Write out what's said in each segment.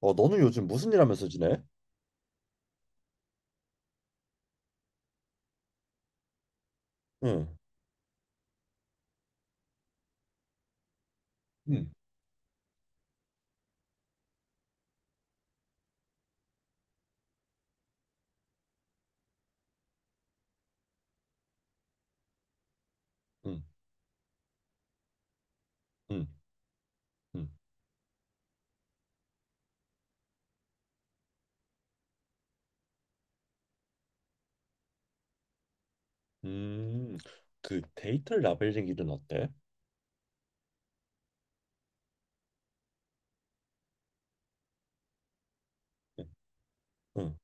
어, 너는 요즘 무슨 일 하면서 지내? 응, 응. 응, 응, 응. 음, 그 데이터 라벨링 일은 어때? 응, 응,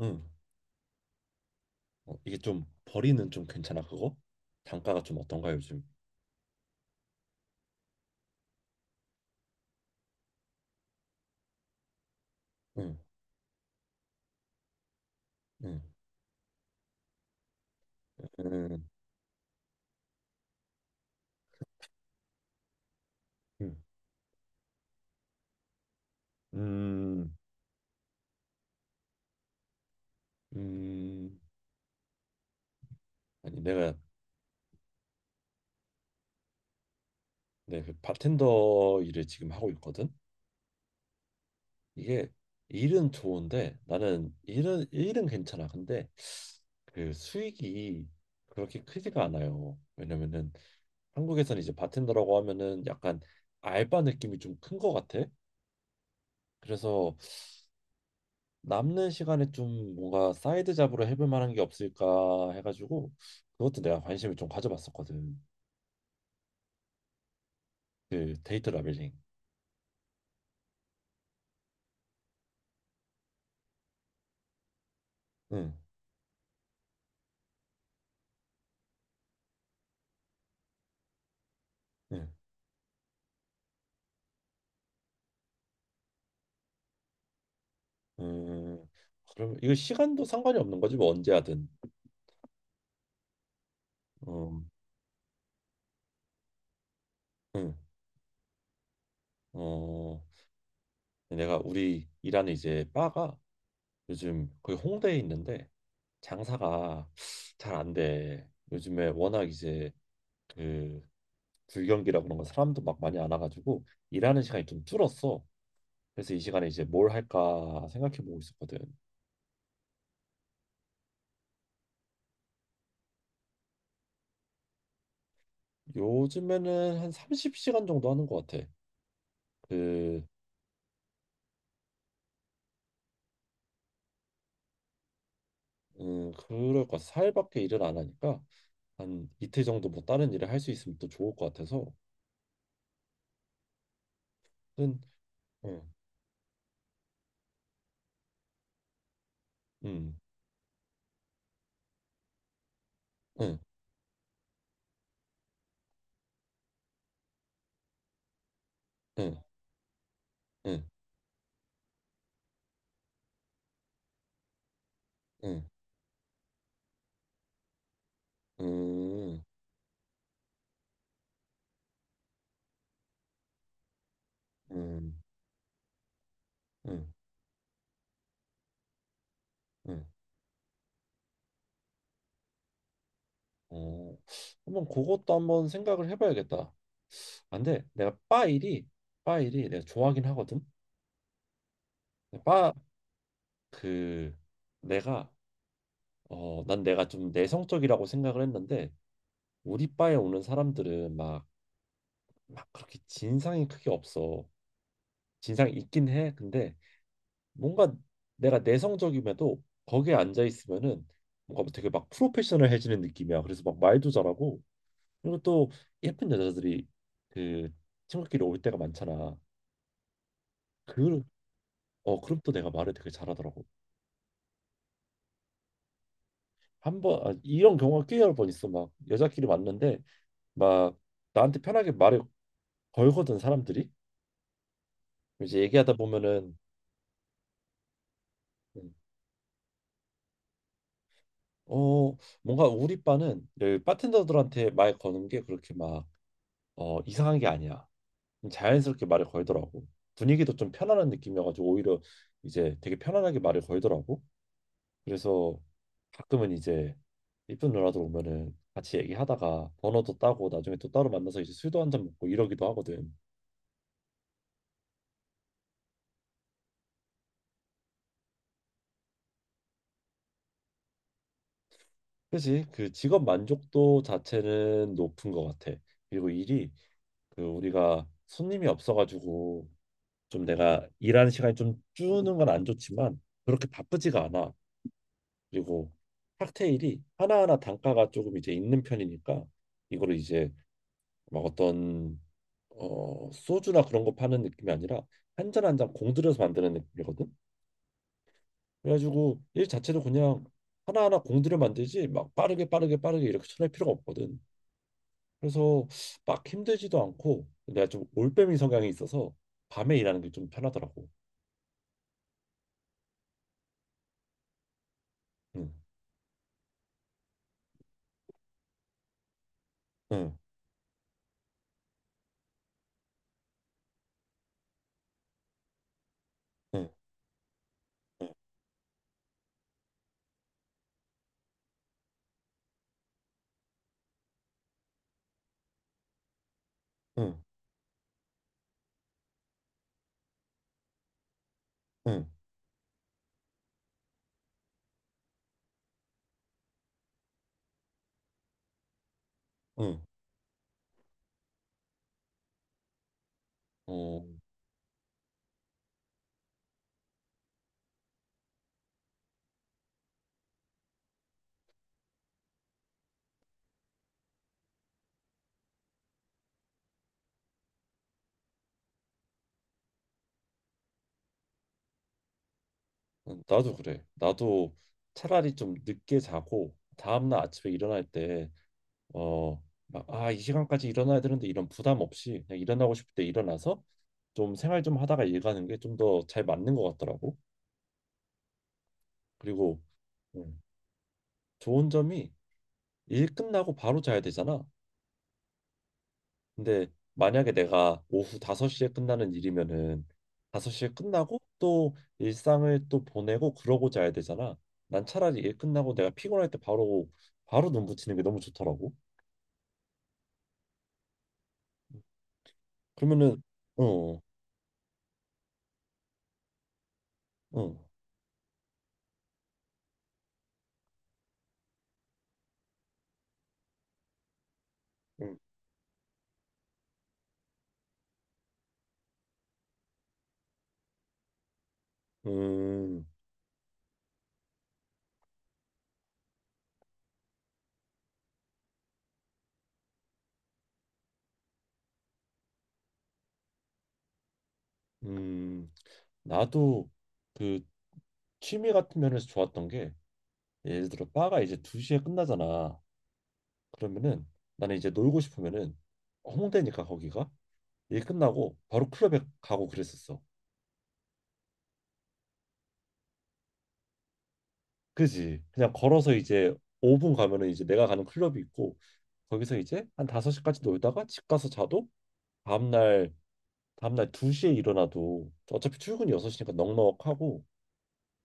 응. 어, 이게 좀 벌이는 좀 괜찮아, 그거? 단가가 좀 어떤가 요즘? 응, 응, 응, 응. 음, 음. 아니, 내가 내그 바텐더 일을 지금 하고 있거든. 이게 일은 좋은데, 나는 일은 괜찮아. 근데 그 수익이 그렇게 크지가 않아요. 왜냐면은 한국에서는 이제 바텐더라고 하면은 약간 알바 느낌이 좀 큰 것 같아. 그래서 남는 시간에 좀 뭔가 사이드 잡으로 해볼 만한 게 없을까 해가지고 그것도 내가 관심을 좀 가져봤었거든. 그 데이터 라벨링. 응, 응, 음. 그럼 이거 시간도 상관이 없는 거지, 뭐 언제 하든. 어, 응, 어. 내가 우리 일하는 이제 바가 요즘 거기 홍대에 있는데 장사가 잘 안 돼. 요즘에 워낙 이제 그 불경기라 그런 거 사람도 막 많이 안 와가지고 일하는 시간이 좀 줄었어. 그래서 이 시간에 이제 뭘 할까 생각해 보고 있었거든. 요즘에는 한 30시간 정도 하는 것 같아. 그, 그럴 것 같아. 4일밖에 일을 안 하니까 한 이틀 정도 뭐 다른 일을 할 수 있으면 또 좋을 것 같아서. 음, 음, 음, 음, 음, 음, 음, 음, 음, 음, 음. 어, 한번 그것도 한번 생각을 해봐야겠다. 안 돼. 내가 바 일이 내가 좋아하긴 하거든. 바, 그, 내가, 어, 난 내가 좀 내성적이라고 생각을 했는데 우리 바에 오는 사람들은 막 그렇게 진상이 크게 없어. 진상이 있긴 해. 근데 뭔가 내가 내성적임에도 거기에 앉아 있으면은 뭔가 되게 막 프로페셔널해지는 느낌이야. 그래서 막 말도 잘하고, 그리고 또 예쁜 여자들이 그 친구끼리 올 때가 많잖아. 그, 어, 그럼 또 내가 말을 되게 잘하더라고. 한 번, 아, 이런 경우가 꽤 여러 번 있어. 막 여자끼리 만났는데 막 나한테 편하게 말을 걸거든, 사람들이. 이제 얘기하다 보면은, 음, 어, 뭔가 우리 바는 여기 바텐더들한테 말 거는 게 그렇게 막, 어, 이상한 게 아니야. 자연스럽게 말을 걸더라고. 분위기도 좀 편안한 느낌이어가지고 오히려 이제 되게 편안하게 말을 걸더라고. 그래서 가끔은 이제 이쁜 누나들 오면은 같이 얘기하다가 번호도 따고 나중에 또 따로 만나서 이제 술도 한잔 먹고 이러기도 하거든. 그지? 그 직업 만족도 자체는 높은 것 같아. 그리고 일이 그 우리가 손님이 없어가지고 좀 내가 일하는 시간이 좀 주는 건 안 좋지만 그렇게 바쁘지가 않아. 그리고 칵테일이 하나하나 단가가 조금 이제 있는 편이니까 이거를 이제 막 어떤, 어, 소주나 그런 거 파는 느낌이 아니라 한 잔 한 잔 공들여서 만드는 느낌이거든. 그래가지고 일 자체도 그냥 하나하나 공들여 만들지 막 빠르게 빠르게 빠르게 이렇게 쳐낼 필요가 없거든. 그래서 막 힘들지도 않고 내가 좀 올빼미 성향이 있어서 밤에 일하는 게 좀 편하더라고. 응, 응, 응, 응, 응, 응. 어, 응, 나도 그래. 나도 차라리 좀 늦게 자고 다음날 아침에 일어날 때, 어, 막, 아, 이 시간까지 일어나야 되는데 이런 부담 없이 그냥 일어나고 싶을 때 일어나서 좀 생활 좀 하다가 일 가는 게 좀 더 잘 맞는 것 같더라고. 그리고, 음, 좋은 점이 일 끝나고 바로 자야 되잖아. 근데 만약에 내가 오후 5시에 끝나는 일이면은 5시에 끝나고 또 일상을 또 보내고 그러고 자야 되잖아. 난 차라리 일 끝나고 내가 피곤할 때 바로 눈 붙이는 게 너무 좋더라고. 그러면은, 어, 어, 음, 음, 음, 나도, 그, 취미 같은 면에서 좋았던 게 예를 들어 바가 이제 2시에 끝나잖아. 그러면은 나는 이제 놀고 싶으면은 홍대니까 거기가 일 끝나고 바로 클럽에 가고 그랬었어. 그지? 그냥 걸어서 이제 5분 가면은 이제 내가 가는 클럽이 있고 거기서 이제 한 5시까지 놀다가 집 가서 자도 다음날 다음날 2시에 일어나도 어차피 출근이 6시니까 넉넉하고.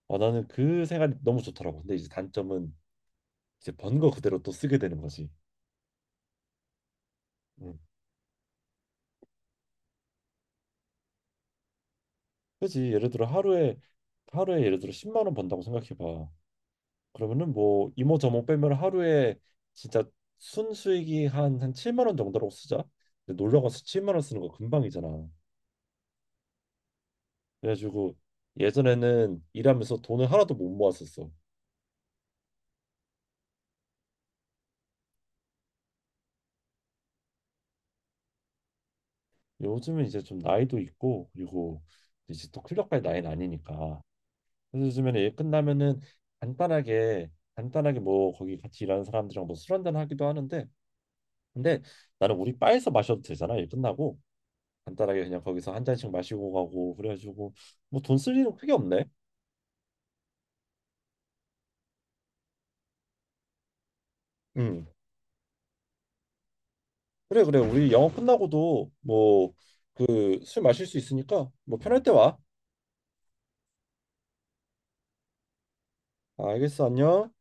아, 나는 그 생활이 너무 좋더라고. 근데 이제 단점은 이제 번 거 그대로 또 쓰게 되는 거지. 음. 그지? 예를 들어 하루에 예를 들어 10만 원 번다고 생각해 봐. 그러면은 뭐 이모 저모 빼면 하루에 진짜 순수익이 한 7만 원 정도라고 쓰자. 근데 놀러 가서 7만 원 쓰는 거 금방이잖아. 그래가지고 예전에는 일하면서 돈을 하나도 못 모았었어. 요즘은 이제 좀 나이도 있고, 그리고 이제 또 클럽까지 나이는 아니니까. 그래서 요즘에는 일 끝나면은 간단하게 간단하게 뭐 거기 같이 일하는 사람들이랑 뭐 술 한잔 하기도 하는데, 근데 나는 우리 바에서 마셔도 되잖아 일 끝나고. 간단하게 그냥 거기서 한 잔씩 마시고 가고 그래가지고 뭐 돈 쓸 일은 크게 없네. 음. 그래, 그래, 우리 영업 끝나고도 뭐 그 술 마실 수 있으니까 뭐 편할 때 와. 알겠어. 안녕.